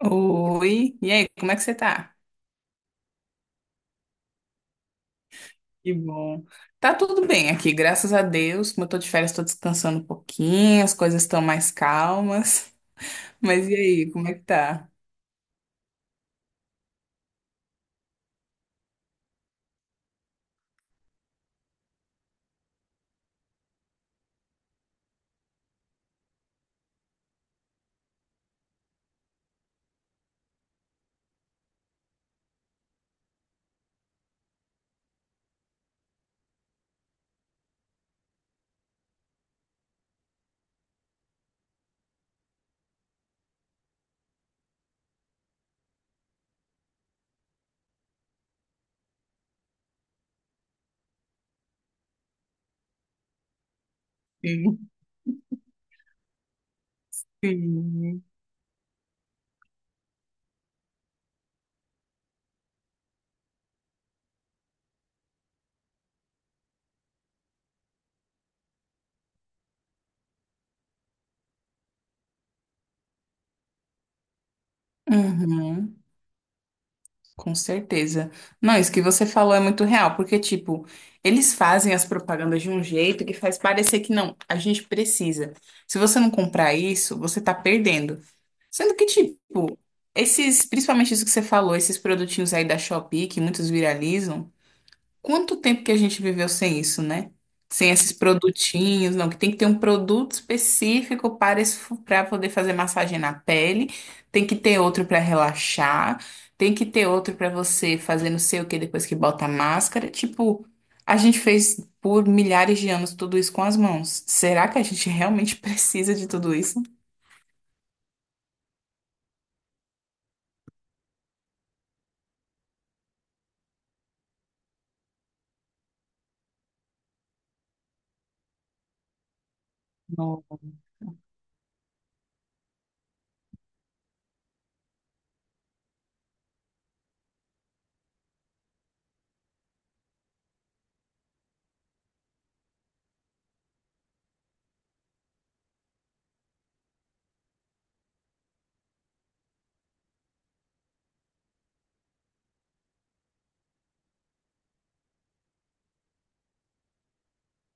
Oi, e aí, como é que você tá? Que bom. Tá tudo bem aqui, graças a Deus. Como eu tô de férias, tô descansando um pouquinho, as coisas estão mais calmas. Mas e aí, como é que tá? Sim, sim. Uhum, com certeza. Não, isso que você falou é muito real, porque, tipo, eles fazem as propagandas de um jeito que faz parecer que não, a gente precisa. Se você não comprar isso, você tá perdendo. Sendo que, tipo, esses, principalmente isso que você falou, esses produtinhos aí da Shopee que muitos viralizam, quanto tempo que a gente viveu sem isso, né? Sem esses produtinhos, não, que tem que ter um produto específico para esse, para poder fazer massagem na pele, tem que ter outro para relaxar, tem que ter outro para você fazer não sei o que depois que bota a máscara. Tipo, a gente fez por milhares de anos tudo isso com as mãos. Será que a gente realmente precisa de tudo isso? Nossa.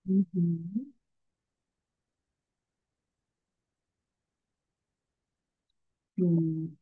Uhum. Sim.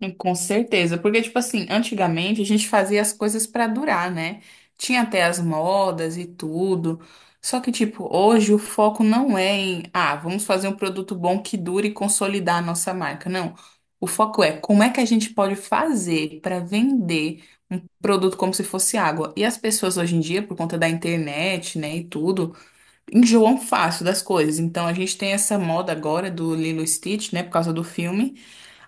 E com certeza, porque, tipo assim, antigamente a gente fazia as coisas pra durar, né? Tinha até as modas e tudo. Só que, tipo, hoje o foco não é em, ah, vamos fazer um produto bom que dure e consolidar a nossa marca. Não. O foco é como é que a gente pode fazer pra vender um produto como se fosse água. E as pessoas hoje em dia, por conta da internet, né, e tudo, enjoam fácil das coisas. Então a gente tem essa moda agora do Lilo e Stitch, né, por causa do filme.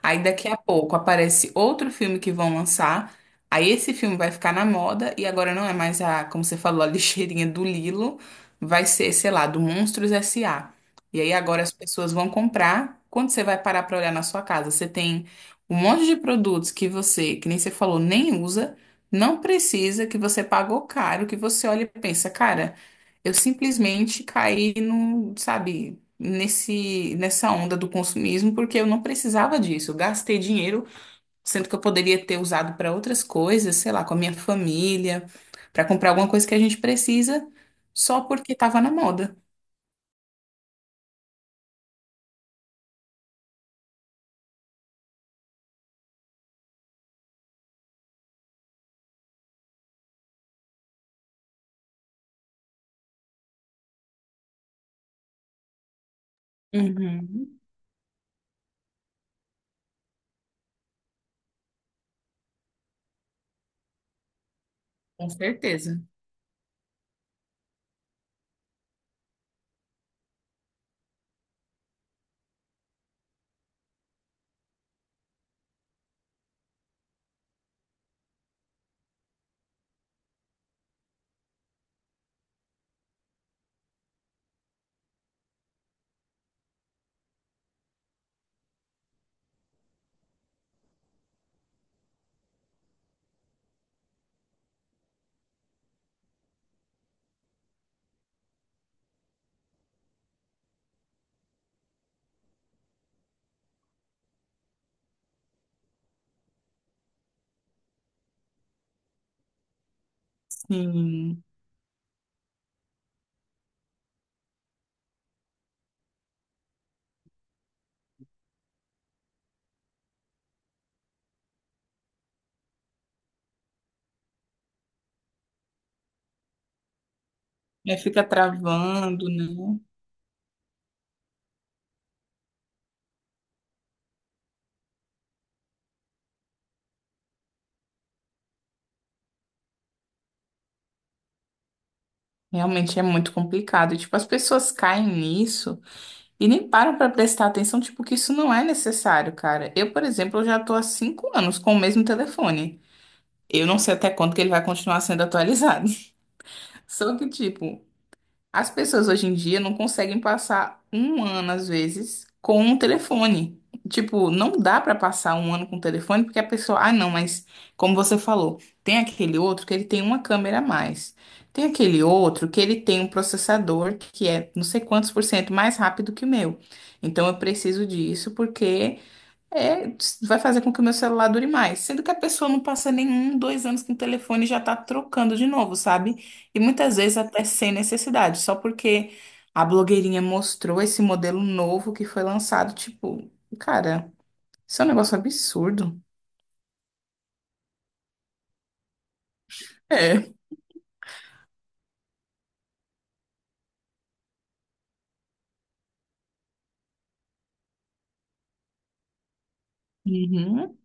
Aí daqui a pouco aparece outro filme que vão lançar. Aí esse filme vai ficar na moda e agora não é mais a, como você falou, a lixeirinha do Lilo, vai ser, sei lá, do Monstros S.A. E aí agora as pessoas vão comprar. Quando você vai parar para olhar na sua casa, você tem um monte de produtos que você, que nem você falou, nem usa, não precisa, que você pagou caro, que você olha e pensa, cara, eu simplesmente caí no, sabe, nessa onda do consumismo, porque eu não precisava disso. Eu gastei dinheiro, sendo que eu poderia ter usado para outras coisas, sei lá, com a minha família, para comprar alguma coisa que a gente precisa, só porque estava na moda. Uhum. Com certeza. Sim. Aí fica travando, né? Realmente é muito complicado. Tipo, as pessoas caem nisso e nem param pra prestar atenção, tipo, que isso não é necessário, cara. Eu, por exemplo, eu já tô há 5 anos com o mesmo telefone. Eu não sei até quando que ele vai continuar sendo atualizado. Só que, tipo, as pessoas hoje em dia não conseguem passar um ano, às vezes, com um telefone. Tipo, não dá pra passar um ano com o telefone, porque a pessoa, ah, não, mas como você falou, tem aquele outro que ele tem uma câmera a mais. Tem aquele outro que ele tem um processador que é não sei quantos por cento mais rápido que o meu. Então eu preciso disso porque é, vai fazer com que o meu celular dure mais. Sendo que a pessoa não passa nenhum, 2 anos com o telefone e já tá trocando de novo, sabe? E muitas vezes até sem necessidade, só porque a blogueirinha mostrou esse modelo novo que foi lançado. Tipo, cara, isso é um negócio absurdo. É. Uhum.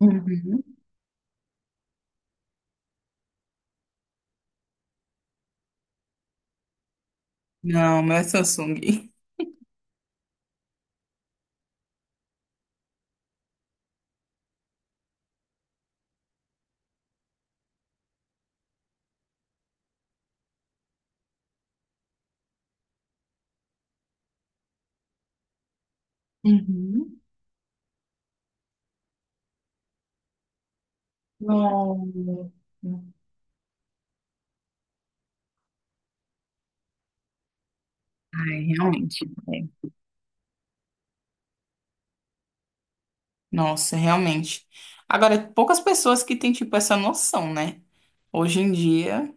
Uhum. Não, não é Samsung. Uhum. Não. Ai, realmente. Nossa, realmente. Agora, poucas pessoas que têm, tipo, essa noção, né? Hoje em dia,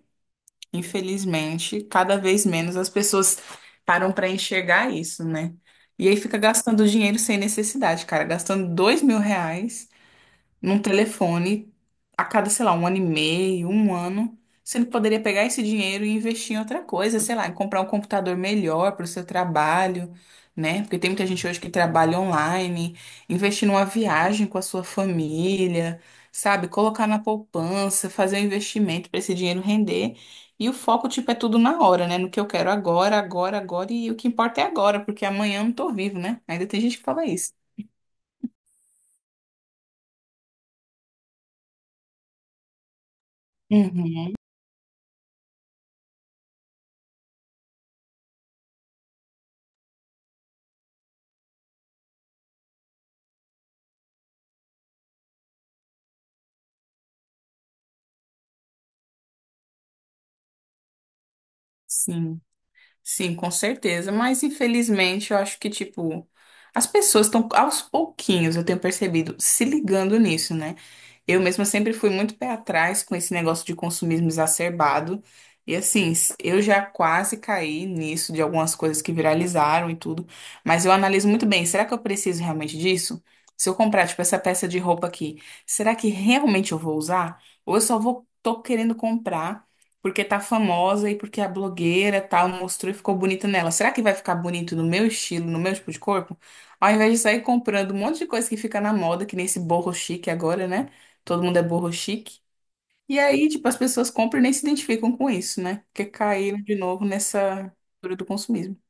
infelizmente, cada vez menos as pessoas param pra enxergar isso, né? E aí fica gastando dinheiro sem necessidade, cara. Gastando R$ 2.000 num telefone a cada, sei lá, um ano e meio, um ano, sendo que poderia pegar esse dinheiro e investir em outra coisa, sei lá, em comprar um computador melhor para o seu trabalho, né? Porque tem muita gente hoje que trabalha online, investir numa viagem com a sua família, sabe? Colocar na poupança, fazer um investimento para esse dinheiro render. E o foco, tipo, é tudo na hora, né? No que eu quero agora, agora, agora, e o que importa é agora, porque amanhã eu não tô vivo, né? Ainda tem gente que fala isso. Uhum, sim. Sim, com certeza. Mas infelizmente eu acho que, tipo, as pessoas estão aos pouquinhos, eu tenho percebido, se ligando nisso, né? Eu mesma sempre fui muito pé atrás com esse negócio de consumismo exacerbado. E assim, eu já quase caí nisso de algumas coisas que viralizaram e tudo. Mas eu analiso muito bem, será que eu preciso realmente disso? Se eu comprar, tipo, essa peça de roupa aqui, será que realmente eu vou usar? Ou eu só vou, tô querendo comprar? Porque tá famosa e porque a blogueira tal mostrou e ficou bonita nela. Será que vai ficar bonito no meu estilo, no meu tipo de corpo? Ao invés de sair comprando um monte de coisa que fica na moda, que nem esse boho chique agora, né? Todo mundo é boho chique. E aí, tipo, as pessoas compram e nem se identificam com isso, né? Porque caíram de novo nessa cultura do consumismo.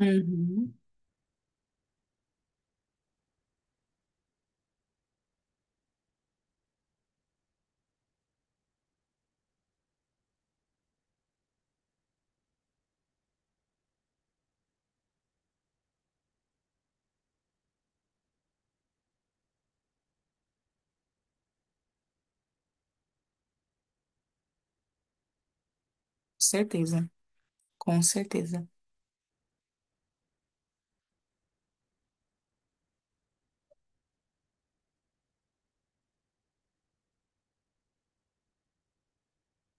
Uhum. Certeza, com certeza.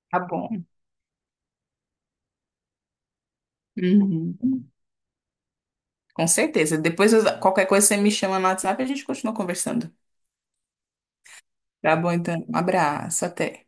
Tá bom. Uhum. Com certeza. Depois, eu- qualquer coisa, você me chama no WhatsApp e a gente continua conversando. Tá bom, então. Um abraço, até.